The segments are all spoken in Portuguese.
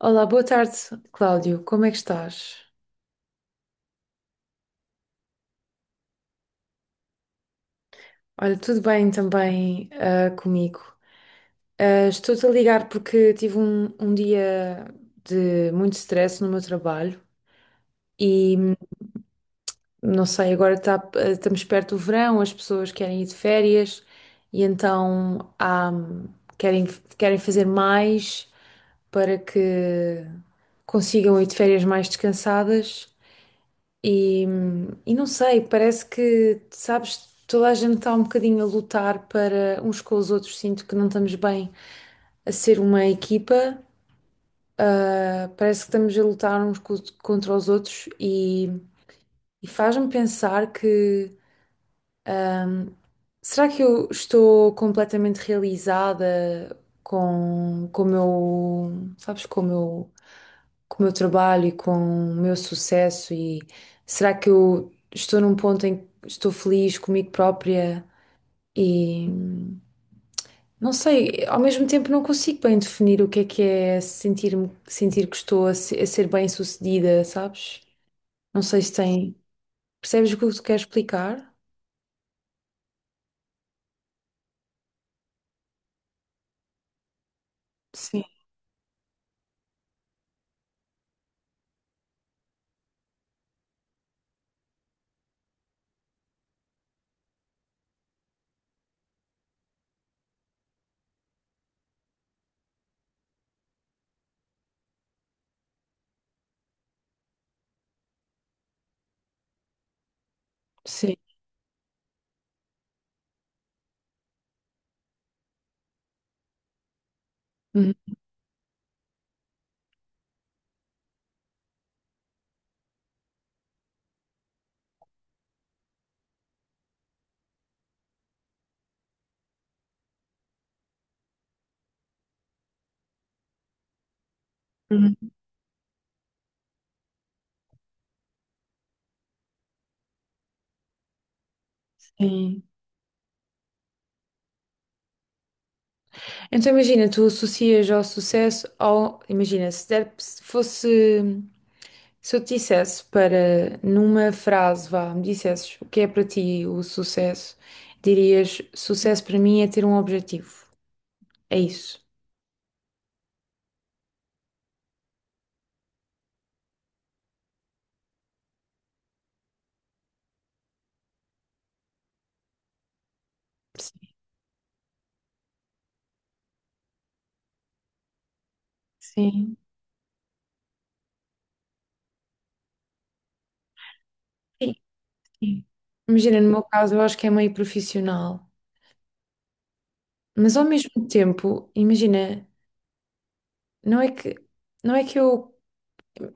Olá, boa tarde, Cláudio. Como é que estás? Olha, tudo bem também comigo. Ah, estou-te a ligar porque tive um dia de muito stress no meu trabalho e não sei, agora estamos perto do verão, as pessoas querem ir de férias e então querem, querem fazer mais para que consigam ir de férias mais descansadas. E, e não sei, parece que, sabes, toda a gente está um bocadinho a lutar para uns com os outros. Sinto que não estamos bem a ser uma equipa. Ah, parece que estamos a lutar uns contra os outros e faz-me pensar que será que eu estou completamente realizada com o meu, sabes, com o meu trabalho e com o meu sucesso e será que eu estou num ponto em que estou feliz comigo própria e não sei, ao mesmo tempo não consigo bem definir o que é sentir que estou a ser bem-sucedida, sabes? Não sei se tem, percebes o que eu te quero explicar? Sim, sim. Uhum, uhum. Sim. Então imagina, tu associas ao sucesso ao, imagina, se der, se fosse. Se eu te dissesse para, numa frase, vá, me dissesses o que é para ti o sucesso, dirias: sucesso para mim é ter um objetivo. É isso. Sim, sim. Sim. Sim. Imagina, no meu caso, eu acho que é meio profissional, mas ao mesmo tempo, imagina, não é que, não é que eu,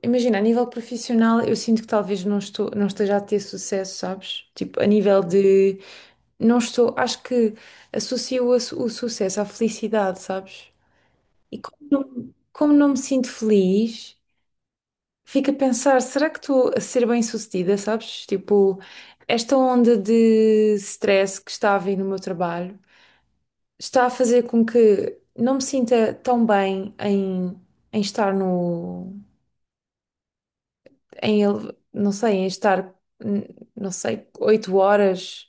imagina, a nível profissional, eu sinto que talvez não estou, não esteja a ter sucesso, sabes? Tipo, a nível de, não estou, acho que associo o sucesso à felicidade, sabes? E como não me sinto feliz, fico a pensar, será que estou a ser bem-sucedida, sabes? Tipo, esta onda de stress que está a vir no meu trabalho está a fazer com que não me sinta tão bem em, estar no, não sei, em estar, hum, não sei, 8 horas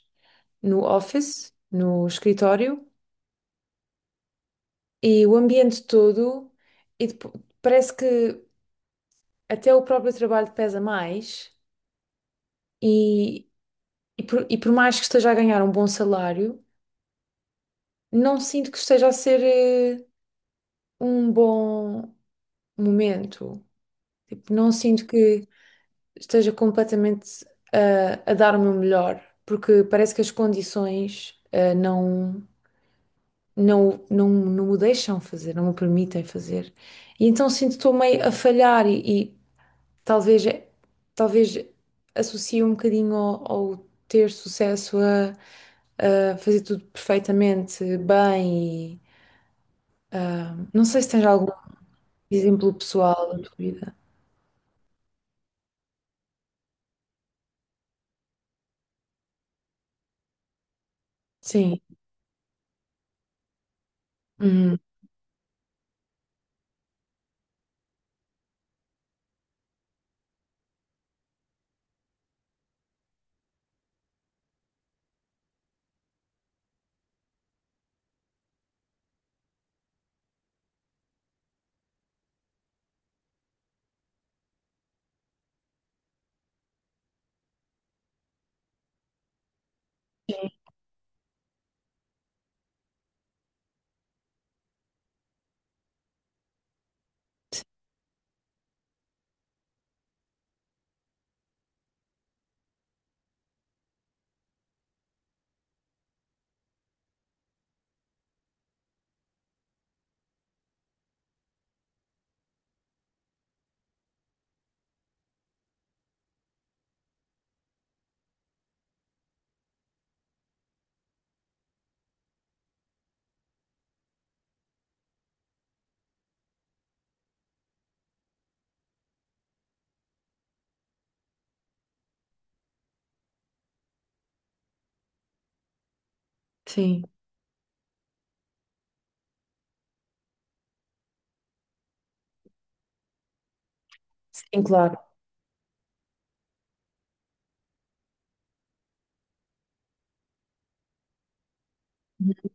no office, no escritório, e o ambiente todo, e parece que até o próprio trabalho pesa mais. E, e por mais que esteja a ganhar um bom salário, não sinto que esteja a ser um bom momento. Tipo, não sinto que esteja completamente a dar o meu melhor, porque parece que as condições não me deixam fazer, não me permitem fazer. E então sinto que estou meio a falhar e talvez, talvez associe um bocadinho ao ter sucesso a fazer tudo perfeitamente bem e não sei se tens algum exemplo pessoal da tua vida. Sim. Uhum. Sim, sim, claro. Uhum.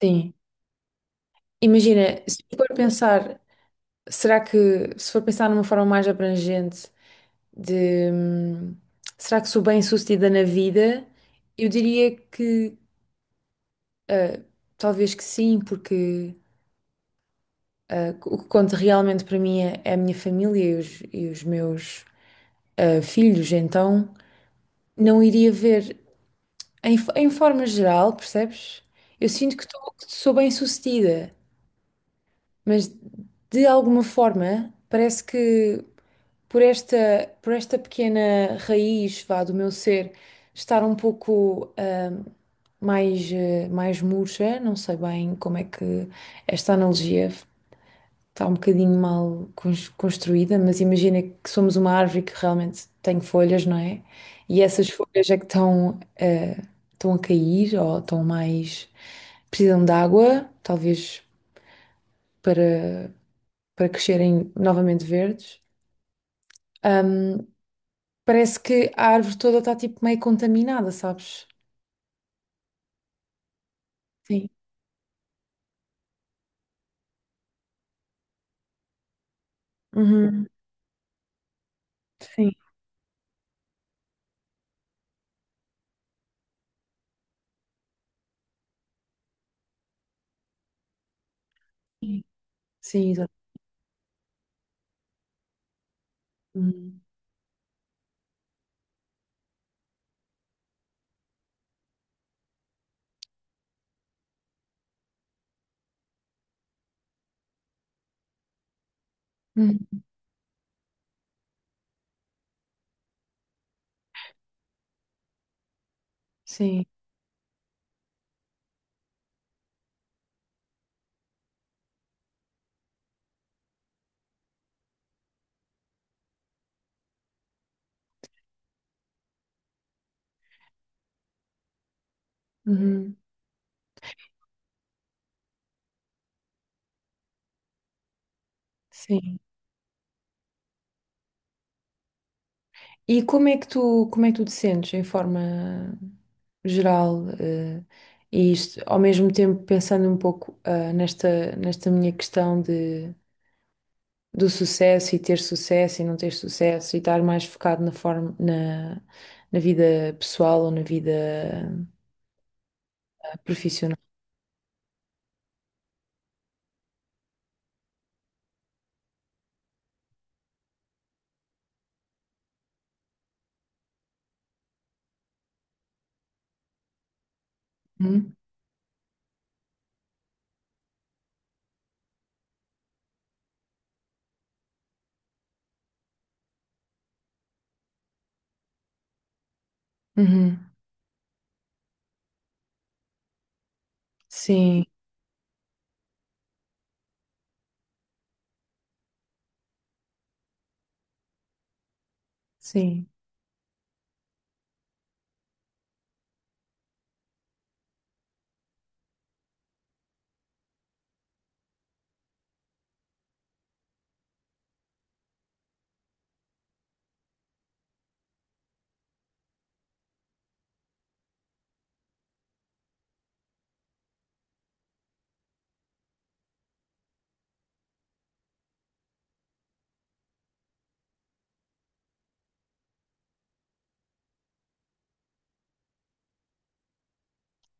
Sim. Imagina, se for pensar, será que se for pensar numa forma mais abrangente de será que sou bem-sucedida na vida? Eu diria que ah, talvez que sim, porque o que conta realmente para mim é a minha família e os meus filhos, então. Não iria ver em forma geral, percebes? Eu sinto que, que sou bem-sucedida, mas de alguma forma parece que por esta, por esta pequena raiz, vá, do meu ser estar um pouco mais murcha, não sei bem como é que esta analogia está um bocadinho mal construída, mas imagina que somos uma árvore que realmente tem folhas, não é? E essas folhas é que estão a cair ou precisam de água, talvez para, para crescerem novamente verdes. Ahm, Parece que a árvore toda está tipo meio contaminada, sabes? Sim. Uhum. Sim. Sim, exato. Uhum. Uhum. Sim. Uhum. Sim. E como é que tu, te sentes em forma geral, e isto, ao mesmo tempo pensando um pouco, nesta minha questão de, do sucesso e ter sucesso e não ter sucesso e estar mais focado na forma, na vida pessoal ou na vida profissional. Uhum. Uhum. Sim, sim,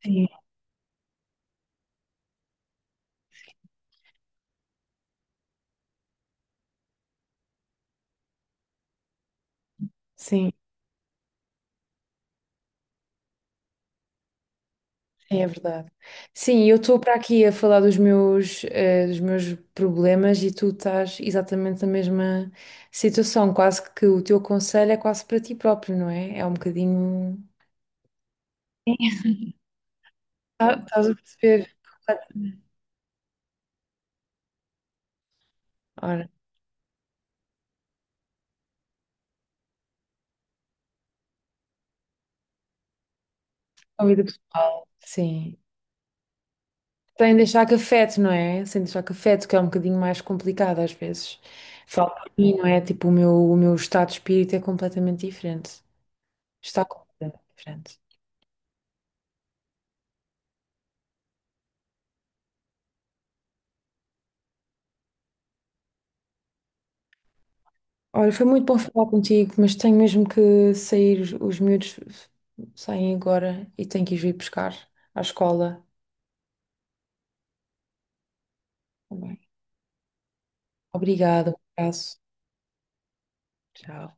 sim, sim. É verdade. Sim, eu estou para aqui a falar dos meus problemas e tu estás exatamente na mesma situação. Quase que o teu conselho é quase para ti próprio, não é? É um bocadinho. Sim. Ah, estás a perceber? Ora, a vida pessoal, sim. Sem deixar que afete, não é? Sem deixar que afete, que é um bocadinho mais complicado às vezes. Falo para mim, não é? Tipo, o meu estado de espírito é completamente diferente. Está completamente diferente. Olha, foi muito bom falar contigo, mas tenho mesmo que sair. Os miúdos saem agora e tenho que os ir buscar à escola também. Obrigada, um abraço. Tchau.